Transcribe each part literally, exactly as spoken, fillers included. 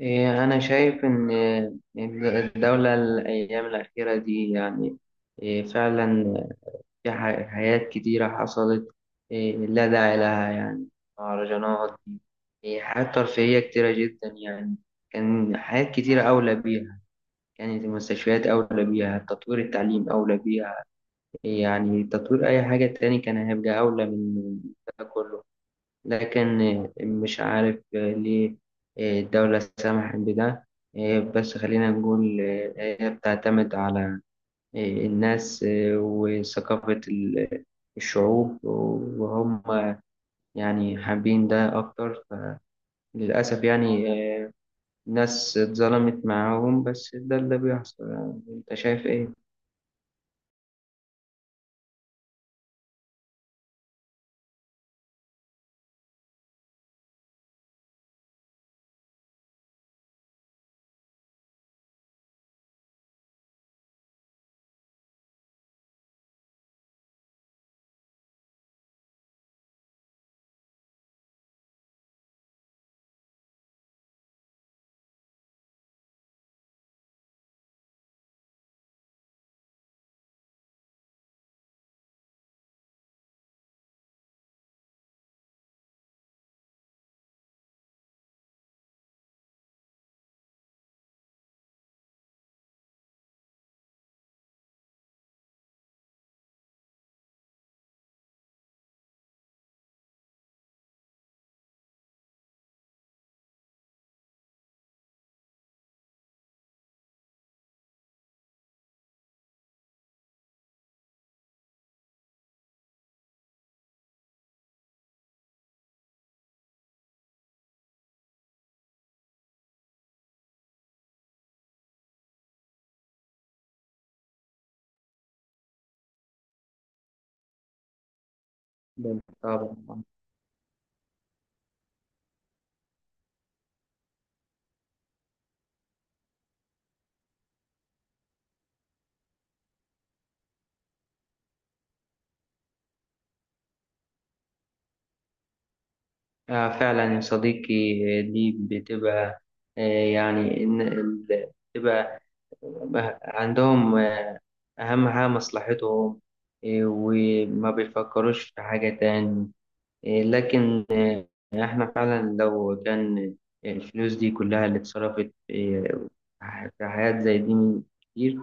إيه، أنا شايف إن الدولة الأيام الأخيرة دي يعني إيه، فعلا في ح- حاجات كتيرة حصلت. إيه، لا داعي لها، يعني مهرجانات دي. إيه، حاجات ترفيهية كتيرة جدا، يعني كان حاجات كتيرة أولى بيها. كانت المستشفيات أولى بيها، تطوير التعليم أولى بيها. إيه، يعني تطوير أي حاجة تاني كان هيبقى أولى من ده كله. لكن مش عارف ليه الدولة سمحت بده. بس خلينا نقول هي بتعتمد على الناس وثقافة ال- الشعوب، وهم يعني حابين ده أكتر. فللأسف يعني ناس اتظلمت معاهم، بس ده اللي بيحصل. يعني أنت شايف إيه؟ ده طبعا. آه فعلا يا صديقي. دي بتبقى، آه، يعني إن- ال- بتبقى بقى عندهم، آه، أهم حاجة مصلحتهم. آه، وما بيفكروش في حاجة تاني. آه، لكن آه، إحنا فعلا لو كان الفلوس دي كلها اللي اتصرفت، آه، في حاجات زي دي من كتير،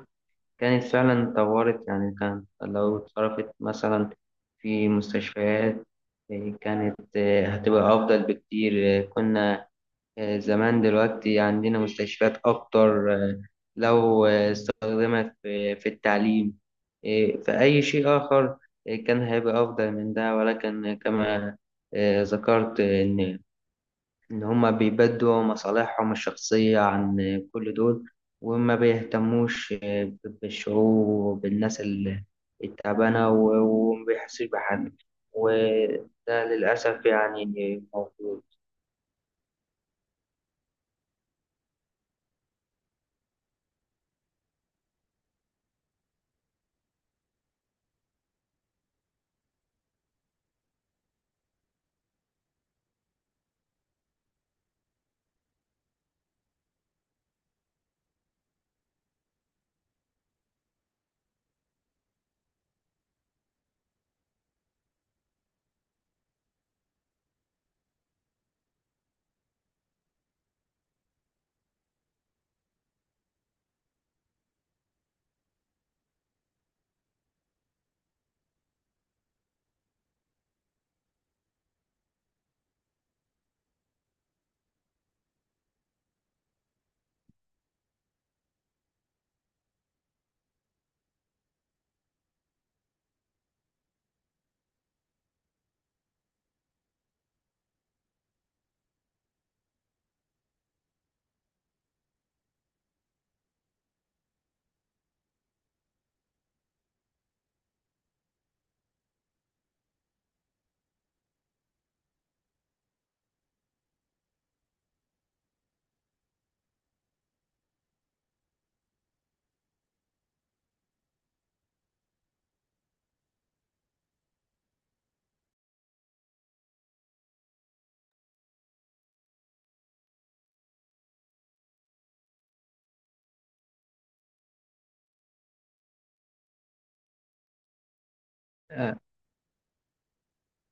كانت فعلا طورت، يعني كان لو اتصرفت مثلا في مستشفيات، آه، كانت آه، هتبقى أفضل بكتير. آه، كنا آه، زمان دلوقتي عندنا مستشفيات أكتر. آه، لو آه، استخدمت في في التعليم، آه، في أي شيء آخر، آه، كان هيبقى أفضل من ده. ولكن كما آه، ذكرت آه، إن إن هما بيبدوا مصالحهم الشخصية عن آه، كل دول، وما بيهتموش آه، بالشعوب وبالناس ال- التعبانة، و- وما بيحسش بحد، وده للأسف يعني موجود.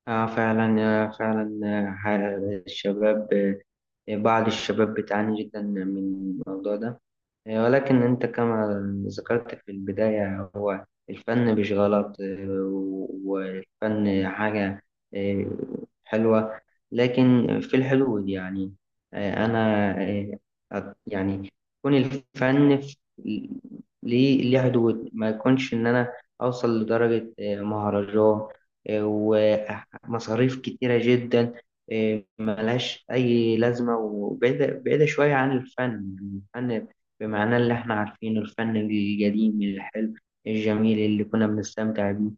آه فعلا آه فعلا آه ح- الشباب، آه بعض الشباب بتعاني جدا من الموضوع ده. إيه، ولكن أنت كما ذكرت في البداية، هو الفن مش غلط. آه، والفن حاجة، آه، حلوة، لكن في الحدود، يعني آه، أنا آه، أت- يعني يكون الفن في- ليه ليه حدود. ما يكونش إن أنا أوصل لدرجة آه، مهرجان آه، ومصاريف كتيرة جدا، آه، ملهاش أي لازمة، وبعيدة بعيدة شوية عن الفن. يعني الفن بمعناه اللي احنا عارفينه، الفن القديم الحلو الجميل اللي كنا بنستمتع بيه.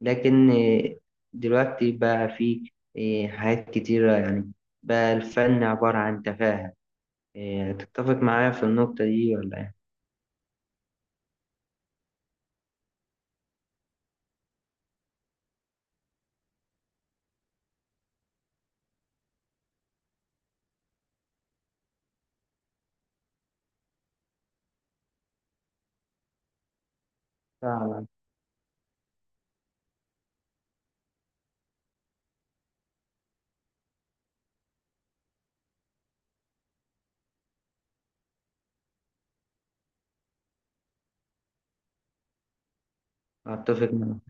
لكن آه، دلوقتي بقى في آه، حاجات كتيرة، يعني بقى الفن عبارة عن تفاهة. آه، تتفق معايا في النقطة دي ولا ايه؟ فعلا، أتفق معاك.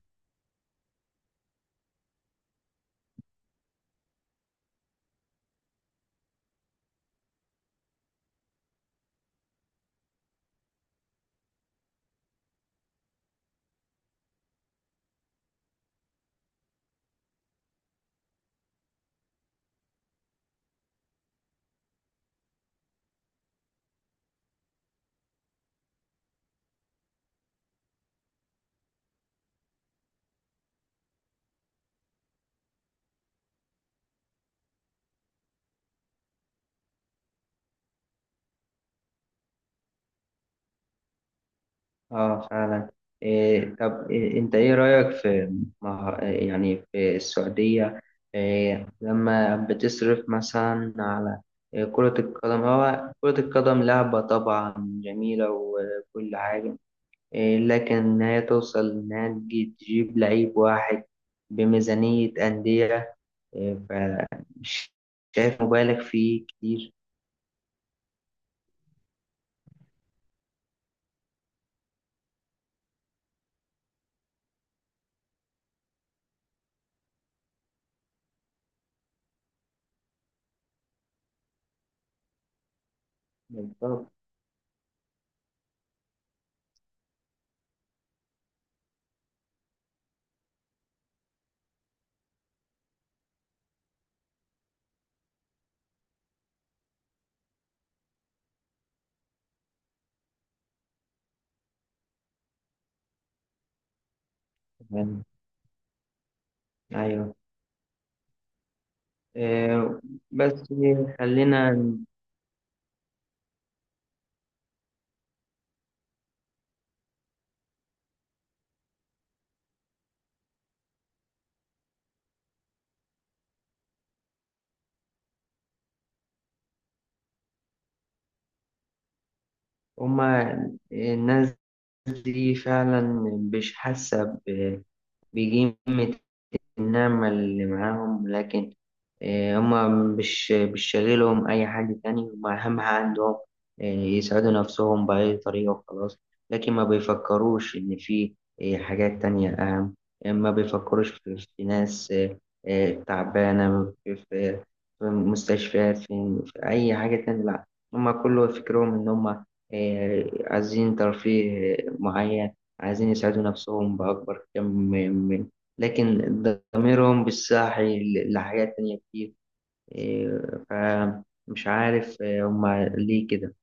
اه فعلا. إيه طب، إيه انت ايه رأيك في مه- يعني في السعودية؟ إيه لما بتصرف مثلا على إيه كرة القدم. هو كرة القدم لعبة طبعا جميلة وكل حاجة، إيه، لكن إن هي توصل إنها تجي- تجيب لعيب واحد بميزانية أندية، إيه، فمش شايف مبالغ فيه كتير؟ بالظبط. يعني أيوه. إيه بس خلينا. هما الناس دي فعلا مش حاسة ب- بقيمة النعمة اللي معاهم. لكن آه، هما مش مش شاغلهم أي حاجة تاني. هما أهم حاجة عندهم، آه، يسعدوا نفسهم بأي طريقة وخلاص. لكن ما بيفكروش إن في آه، حاجات تانية أهم. آه، ما بيفكروش في, في ناس، آه، آه، تعبانة في, في, في مستشفيات، في, في أي حاجة تانية، لأ. هما كله فكرهم إن هما آه، عايزين ترفيه آه، معين. عايزين يسعدوا نفسهم بأكبر كم. لكن ضميرهم بالساعي لحاجات تانية كتير. إيه، فمش عارف إيه، هما ليه كده.